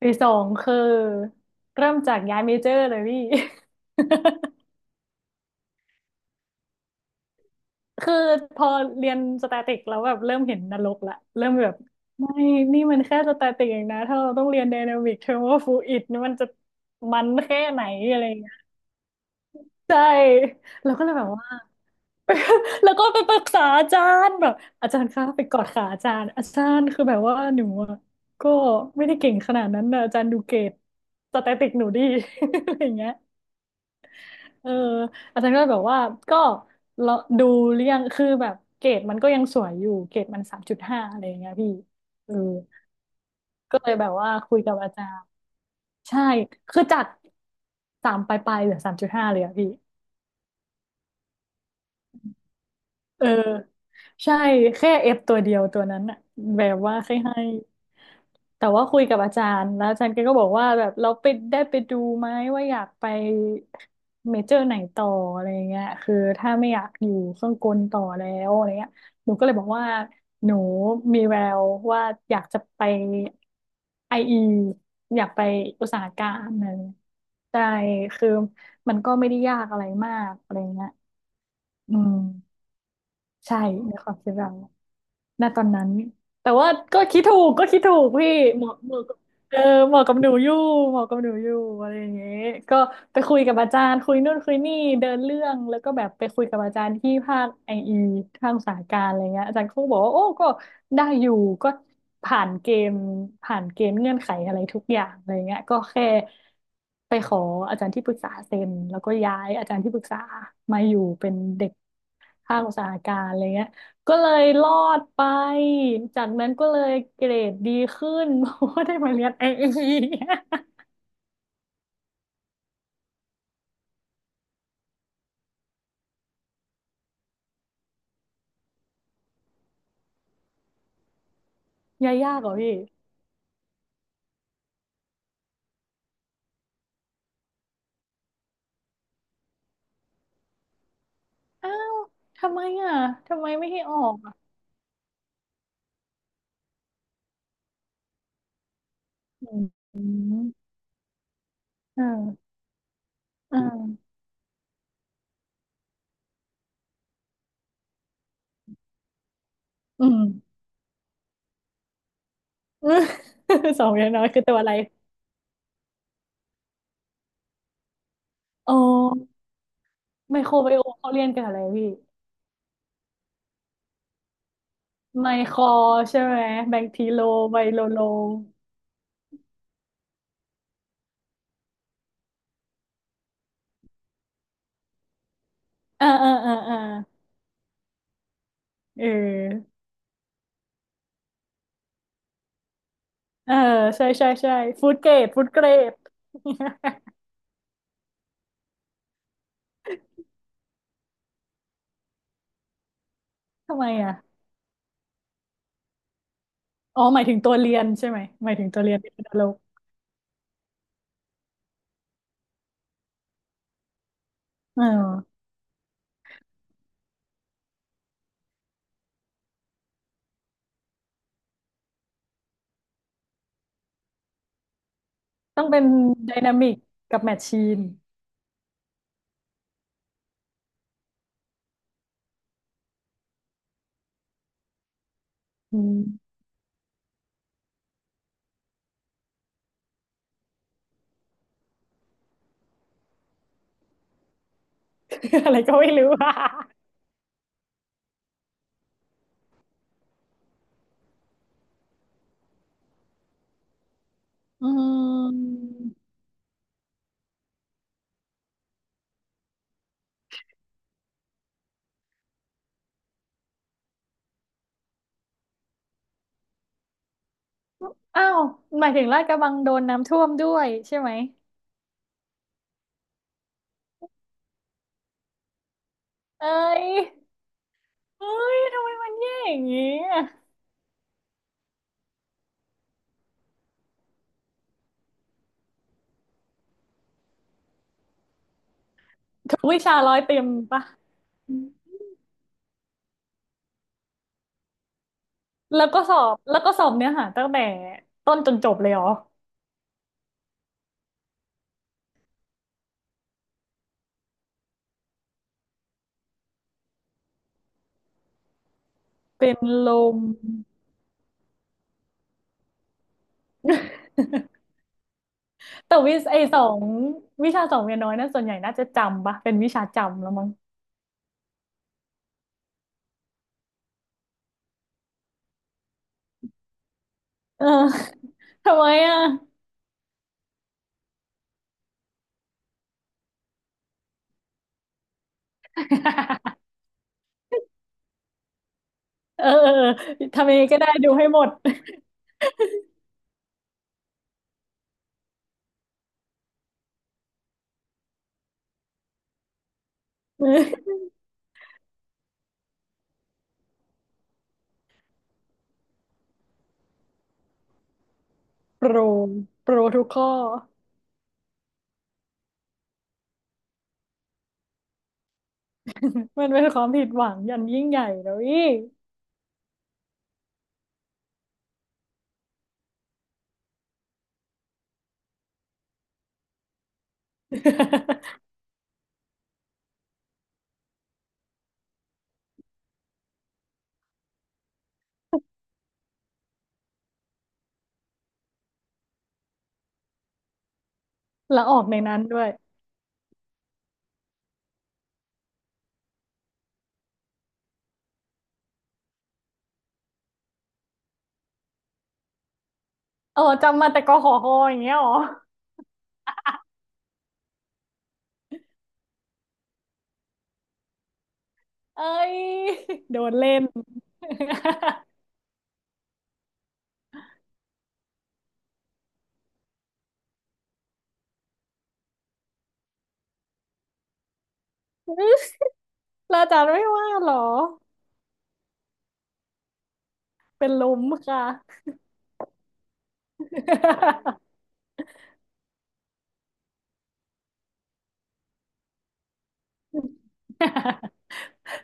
ปีสองคือเริ่มจากย้ายเมเจอร์เลยพี่ คือพอเรียนสแตติกแล้วแบบเริ่มเห็นนรกละเริ่มแบบไม่นี่มันแค่สแตติกเองนะถ้าเราต้องเรียนไดนามิกเทอร์โมฟลูอิดมันจะมันแค่ไหนอะไรเงี้ย ใช่แล้วก็เลยแบบว่า แล้วก็ไปปรึกษาอาจารย์แบบอาจารย์คะไปกอดขาอาจารย์อาจารย์คือแบบว่าหนูอะก็ไม่ได้เก่งขนาดนั้นนะอาจารย์ดูเกรดสแตติกหนูดี อะไรเงี้ย เอออาจารย์ก็แบบว่าก็เราดูเรื่อยังคือแบบเกรดมันก็ยังสวยอยู่เกรดมันสามจุดห้าอะไรอย่างเงี้ยพี่เออก็เลยแบบว่าคุยกับอาจารย์ใช่คือจากสามปลายๆเหลือสามจุดห้าเลยอะพี่ เออใช่แค่เอฟตัวเดียวตัวนั้นอะแบบว่าให้ให้แต่ว่าคุยกับอาจารย์แล้วอาจารย์แกก็บอกว่าแบบเราไปได้ไปดูไหมว่าอยากไปเมเจอร์ไหนต่ออะไรเงี้ยคือถ้าไม่อยากอยู่เครื่องกลต่อแล้วอะไรเงี้ยหนูก็เลยบอกว่าหนูมีแววว่าอยากจะไปไออีอยากไปอุตสาหการอะไรเงี้ยใช่คือมันก็ไม่ได้ยากอะไรมากอะไรเงี้ยอืม ใช่ในความคิดเราณตอนนั้นแต่ว่าก็คิดถูกก็คิดถูกพี่เหมาะเหมาะกับเออเหมาะกับหนูอยู่เหมาะกับหนูอยู่อะไรอย่างเงี้ยก็ไปคุยกับอาจารย์คุยนู่นคุยนี่เดินเรื่องแล้วก็แบบไปคุยกับอาจารย์ที่ภาคไออีภาคอุตสาหการอะไรเงี้ยอาจารย์เขาก็บอกว่าโอ้ก็ได้อยู่ก็ผ่านเกณฑ์ผ่านเกณฑ์เงื่อนไขอะไรทุกอย่างอะไรเงี้ยก็แค่ไปขออาจารย์ที่ปรึกษาเซ็นแล้วก็ย้ายอาจารย์ที่ปรึกษามาอยู่เป็นเด็กภาคอุตสาหการอะไรเงี้ย ก็เลยรอดไปจากนั้นก็เลยเกรดดีขึ้น เพราะว่าได้มาเรียนไอเอยายากเหรอพี่อ้าวทำไมอ่ะทำไมไม่ให้ออกอ่ะอืมอืมอ่าอ่าอืม อืม สองอย่างน้อยคือตัวอะไรอ๋อไมโครไบโอมเขาเรียนกันอะไรพี่ไมโครใช่ไหมแบคทีโลไบโลโลอ่าอ่าอ่าอ่าเออเออใช่ใช่ใช่ฟู้ดเกรดฟู้ดเกรด ทำไมอ่ะ อ๋อหมายถึงตัวเรียนใช่ไหมหมายถึงตัวเรียนเป็นอนารอกอ่าต้องเป็นไดนามิกกับแมชชีนอืม อะไรก็ไม่รู้ อะอืมอ้าวหมายถึงลาดกระบังโดนน้ำท่วมด้วยใช่ไหมเอ้ยเอ้ยทำไมมันแย่อย่างงี้อะทุกวิชาร้อยเต็มปะอืมแล้วก็สอบแล้วก็สอบเนื้อหาตั้งแต่ต้นจนจบเลยเหรอเป็นลม แต่วิไอสองวิชาสองเรียนน้อยนะส่วนใหญ่น่าจะจำปะเป็นวิชาจำแล้วมั้งเออ ทำไมอ่ะเออเออ เออทำยังไงก็ได้ดูให้หมด โปรโปรทุกข้อมันเป็นความผิดหวังอย่างยิ่งใหญ่แล้วอี แล้วออกในนั้นด้วยเออจำมาแต่กขอคออย่างเงี้ยเหรอเอ้ยโดนเล่น แล้วอาจารย์ไม่ว่าเหรอเป็นลมค่ะ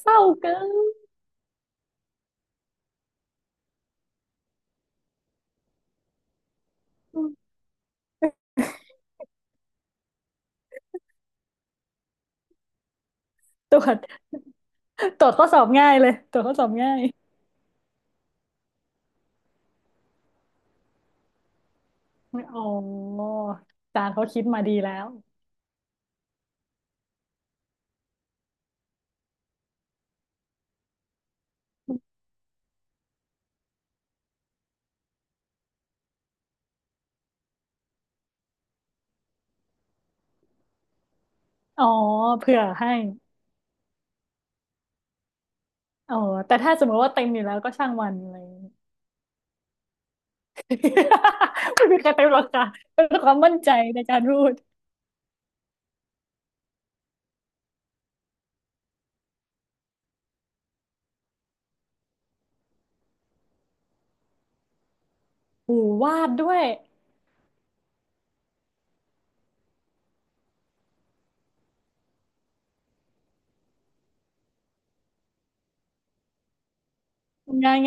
เศร้าเกินตรวจตรวจข้อสอบง่ายเลยตรวจข้อสอบง่ายอ๋ออาจารย์เขาคิดมาดีแล้วอ๋อเผื่อให้อ๋อแต่ถ้าสมมติว่าเต็มอยู่แล้วก็ช่างมันอะไรอย่างงี้ ไม่มีใครเต็มหรอกค่ะเป็นความมั่นใจในการพูดโหูวาดด้วย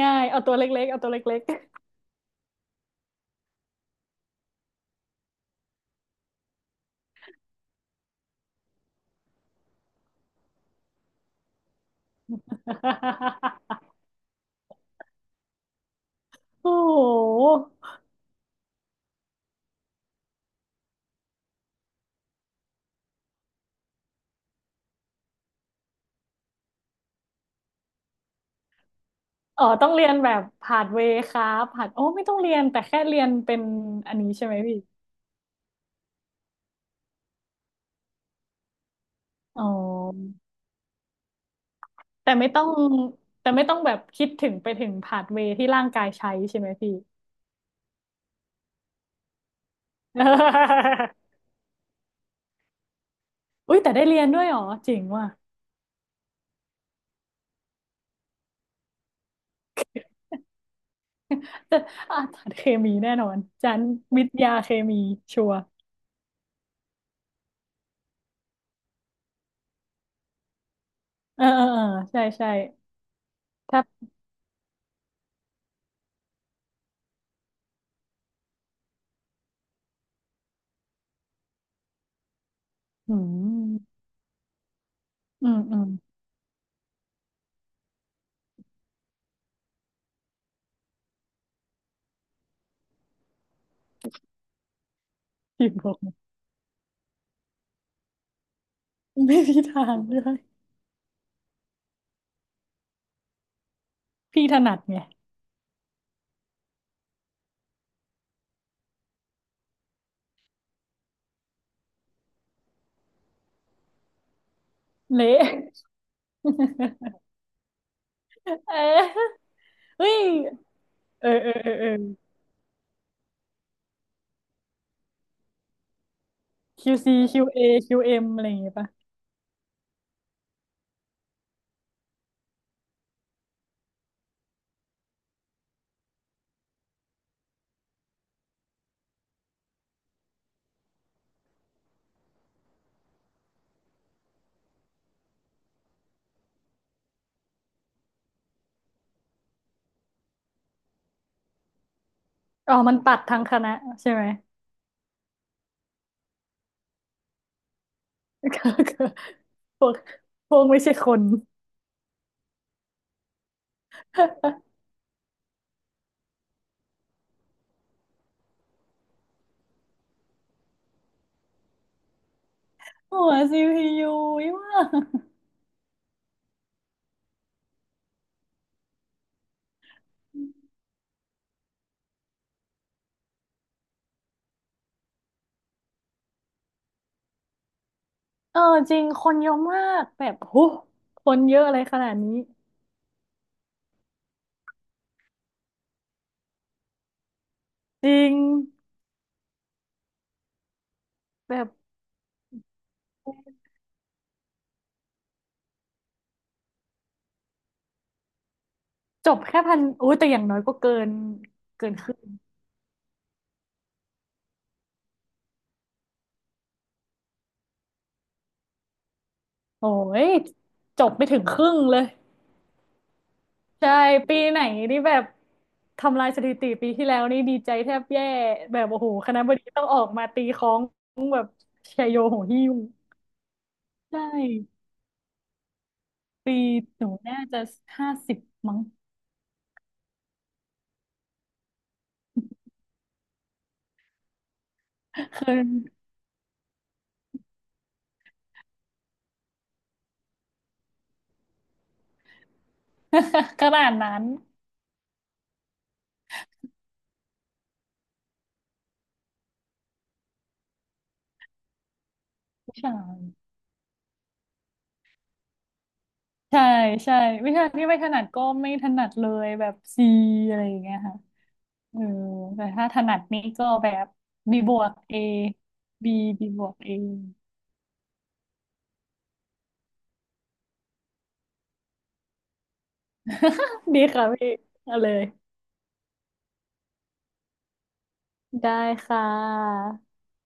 ง่ายๆเอาตัวเล็กๆเอาตัวเล็กๆ โอ้โหอ๋อต้องเรียนแบบผาดเวย์ครับผาดโอ้ไม่ต้องเรียนแต่แค่เรียนเป็นอันนี้ใช่ไหมพี่อ๋อ แต่ไม่ต้องแต่ไม่ต้องแบบคิดถึงไปถึงพาธเวย์ที่ร่างกายใช้ใช่ไหมพี่ อุ้ยแต่ได้เรียนด้วยเหรอเจ๋งว่ะแต่อ่ะเคมีแน่นอนจันวิทยาเคมีชัวร์เออเออเออใช่ใช่ถ้าอืมอืมอืมพี่บอกไม่มีทางเลยพี่ถนัดไงเละ เออเฮ้ยเออเออเออเออ QC QA QM อคิวเอ็มอะไรอย่างเงี้ยป่ะอ๋อมันตัดทางคณะใช่ไหม ก็คือพวกพวกไม่ใช่คนหัว CPU ยอีว่าเออจริงคนเยอะมากแบบโหคนเยอะอะไรขนาดนี้จริงแบบจบแค่พันโอ้ยแต่อย่างน้อยก็เกินเกินครึ่งโอ้ยจบไม่ถึงครึ่งเลยใช่ปีไหนนี่แบบทำลายสถิติปีที่แล้วนี่ดีใจแทบแย่แบบโอ้โหคณะบดีต้องออกมาตีค้องแบบชัยโยโหหิ้วใช่ ปีหนูน่าจะห้าสิบมั้งคือ ขนาดนั้นวิ้ชายใช่ใช่วิชาที่ไม่ถนัดก็ไม่ถนัดเลยแบบซีอะไรอย่างเงี้ยค่ะเออแต่ถ้าถนัดนี่ก็แบบบีบวกเอบีบีบวกเอ ดีค่ะพี่เอาเลยได้ค่ะ